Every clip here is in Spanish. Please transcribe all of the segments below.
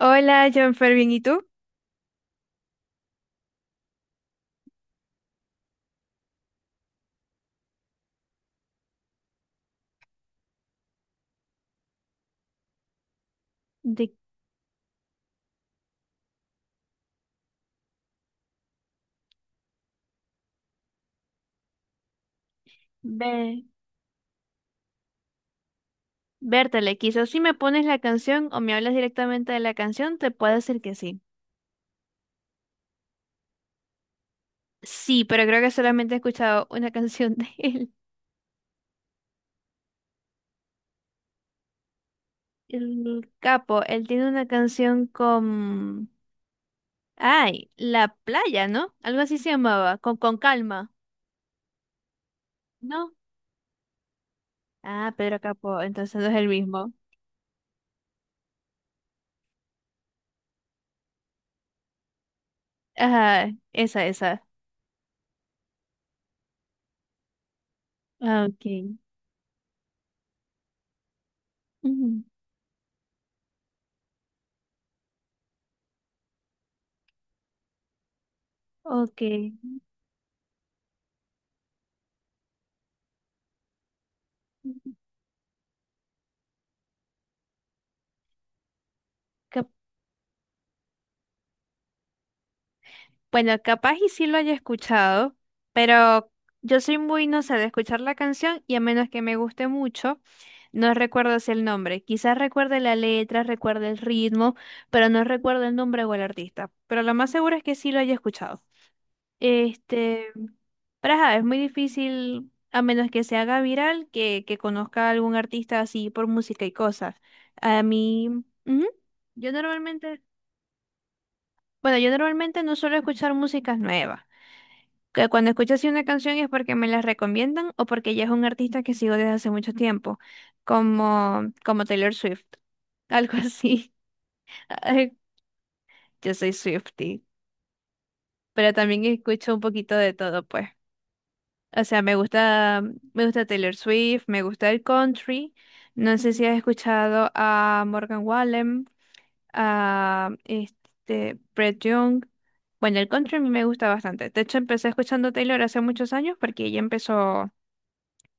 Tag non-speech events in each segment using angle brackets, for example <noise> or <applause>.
Hola, John Fervin, ¿y tú? De ve- Vértale, quizás si me pones la canción o me hablas directamente de la canción, te puedo decir que sí. Sí, pero creo que solamente he escuchado una <laughs> canción de él. El capo, él tiene una canción con... Ay, La Playa, ¿no? Algo así se llamaba, con calma, ¿no? Ah, Pedro Capo, entonces no es el mismo. Ajá, esa, esa. Ah, ok. Ujú. Ok. Bueno, capaz y sí lo haya escuchado, pero yo soy muy, no sé, de escuchar la canción y a menos que me guste mucho, no recuerdo así el nombre. Quizás recuerde la letra, recuerde el ritmo, pero no recuerdo el nombre o el artista. Pero lo más seguro es que sí lo haya escuchado. Este, pero ajá, es muy difícil, a menos que se haga viral, que conozca a algún artista así por música y cosas. A mí, ujú. Yo normalmente, bueno, yo normalmente no suelo escuchar músicas nuevas que cuando escucho así una canción es porque me la recomiendan o porque ya es un artista que sigo desde hace mucho tiempo, como Taylor Swift, algo así. <laughs> Ay, yo soy Swiftie, pero también escucho un poquito de todo, pues. O sea, me gusta Taylor Swift, me gusta el country. No sé si has escuchado a Morgan Wallen, a este Brett Young. Bueno, el country a mí me gusta bastante. De hecho, empecé escuchando Taylor hace muchos años porque ella empezó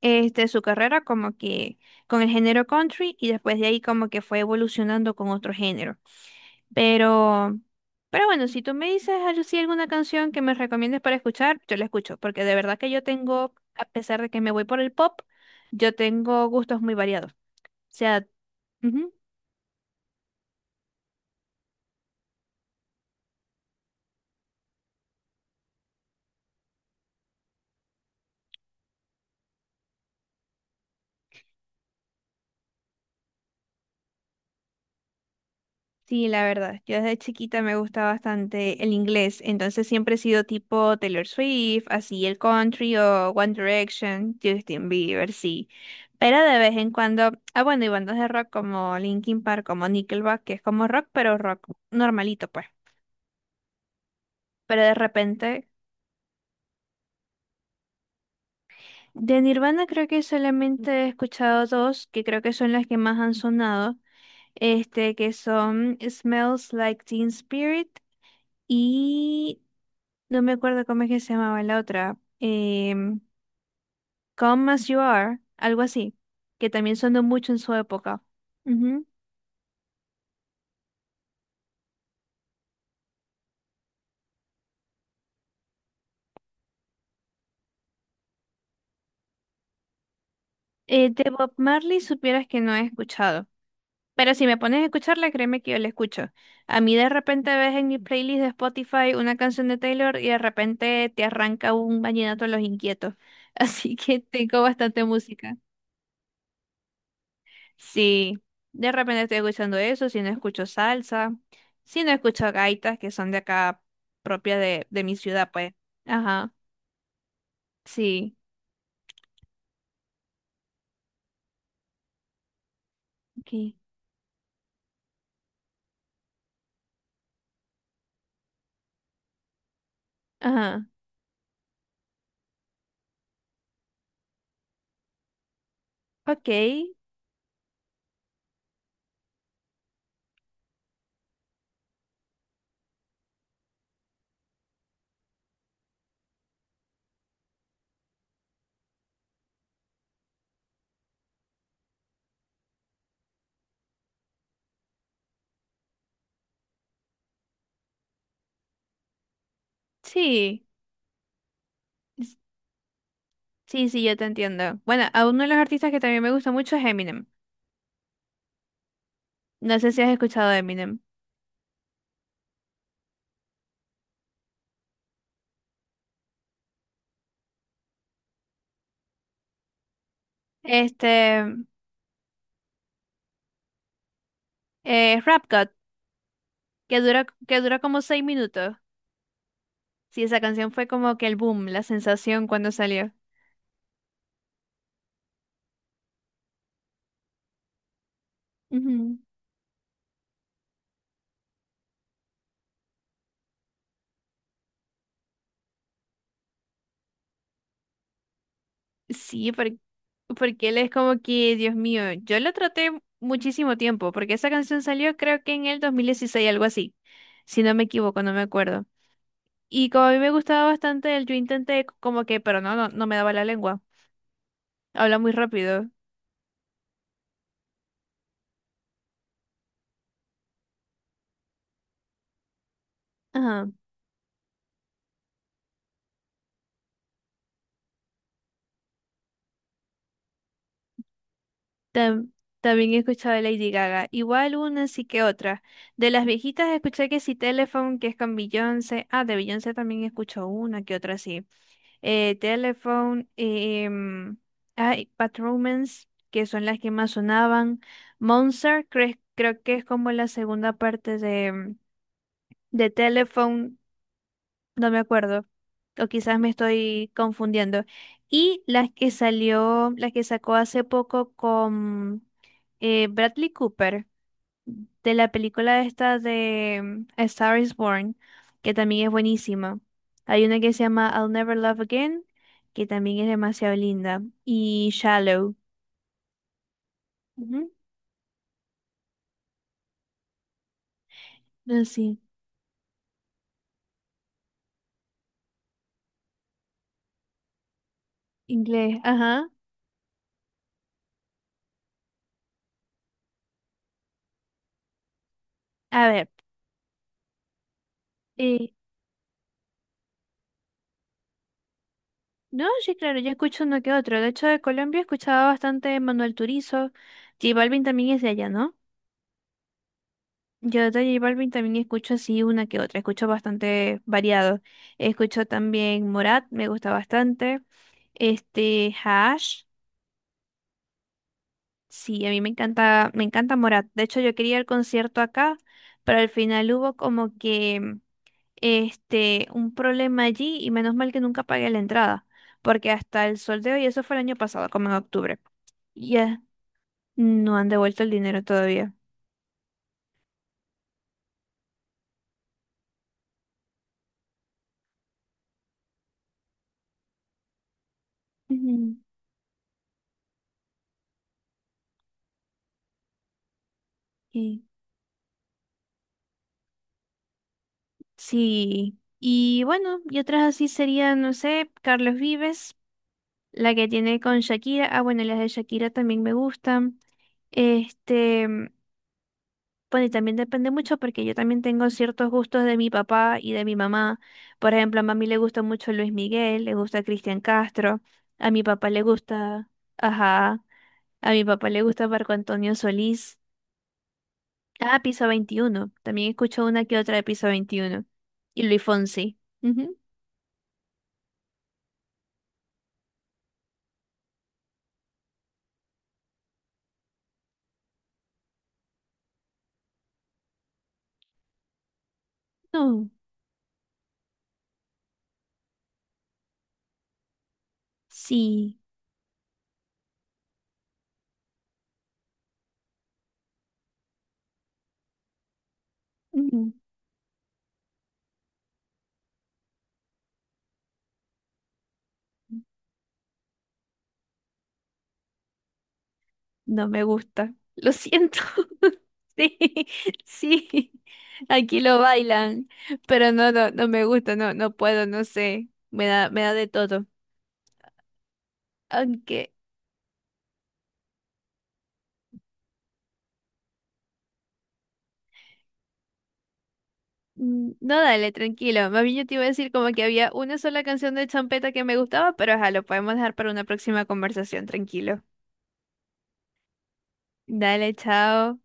este, su carrera como que con el género country y después de ahí como que fue evolucionando con otro género. Pero, pero bueno, si tú me dices así alguna canción que me recomiendes para escuchar, yo la escucho, porque de verdad que yo tengo, a pesar de que me voy por el pop, yo tengo gustos muy variados. O sea, ujú. Sí, la verdad, yo desde chiquita me gusta bastante el inglés, entonces siempre he sido tipo Taylor Swift, así el country o One Direction, Justin Bieber, sí. Pero de vez en cuando, ah bueno, y bandas de rock como Linkin Park, como Nickelback, que es como rock, pero rock normalito pues. Pero de repente, de Nirvana creo que solamente he escuchado dos, que creo que son las que más han sonado, este, que son Smells Like Teen Spirit. Y no me acuerdo cómo es que se llamaba la otra. Come As You Are, algo así, que también sonó mucho en su época. Ujú. De Bob Marley supieras que no he escuchado, pero si me pones a escucharla, créeme que yo la escucho. A mí de repente ves en mi playlist de Spotify una canción de Taylor y de repente te arranca un vallenato de los inquietos. <laughs> Así que tengo bastante música. Sí, de repente estoy escuchando eso, si no escucho salsa, si no escucho gaitas que son de acá propia de mi ciudad, pues. Ajá, sí, okay. Ajá, ok, sí, s- sí, sí, yo te entiendo. Bueno, a uno de los artistas que también me gusta mucho es Eminem. No sé si has escuchado de Eminem. Este, Rap God, que dura como 6 minutos. Sí, esa canción fue como que el boom, la sensación cuando salió. Ujú. Sí, porque él es como que, Dios mío, yo lo traté muchísimo tiempo, porque esa canción salió creo que en el 2016, algo así, si no me equivoco, no me acuerdo. Y como a mí me gustaba bastante él, yo intenté como que, pero no, no, no me daba la lengua, habla muy rápido. Ajá. Tam- también he escuchado de Lady Gaga, igual una sí que otra. De las viejitas escuché que sí Telephone, que es con Beyoncé, ah, de Beyoncé también escucho una que otra sí. Telephone, em, ay, Bad Romance, que son las que más sonaban. Monster, creo que es como la segunda parte de Telephone, no me acuerdo, o quizás me estoy confundiendo. Y las que salió, las que sacó hace poco con Bradley Cooper de la película esta de A Star is Born, que también es buenísima. Hay una que se llama I'll Never Love Again, que también es demasiado linda. Y Shallow. Ujú. No, sí, inglés. Ajá. A ver. eh, no, sí, claro, yo escucho uno que otro. De hecho, de Colombia escuchaba bastante Manuel Turizo. J Balvin también es de allá, ¿no? Yo de J Balvin también escucho así una que otra, escucho bastante variado. Escucho también Morat, me gusta bastante. Este, Hash, sí, a mí me encanta Morat. De hecho, yo quería el concierto acá, pero al final hubo como que este un problema allí y menos mal que nunca pagué la entrada, porque hasta el sol de hoy, eso fue el año pasado, como en octubre. Ya no han devuelto el dinero todavía. Ujú. Sí. Sí, y bueno, y otras así serían, no sé, Carlos Vives, la que tiene con Shakira. Ah, bueno, las de Shakira también me gustan. Este, bueno, y también depende mucho porque yo también tengo ciertos gustos de mi papá y de mi mamá. Por ejemplo, a mami le gusta mucho Luis Miguel, le gusta Cristian Castro, a mi papá le gusta, ajá, a mi papá le gusta Marco Antonio Solís. Ah, Piso 21 también escucho una que otra de Piso 21. Y Luis Fonsi. Ujú. No. Sí, mm, no me gusta. Lo siento. <laughs> Sí, sí. Aquí lo bailan, pero no, no, no me gusta, no, no puedo, no sé. Me da de todo. Aunque, no, dale, tranquilo. Más bien yo te iba a decir como que había una sola canción de champeta que me gustaba, pero ajá, lo podemos dejar para una próxima conversación, tranquilo. Dale, chao.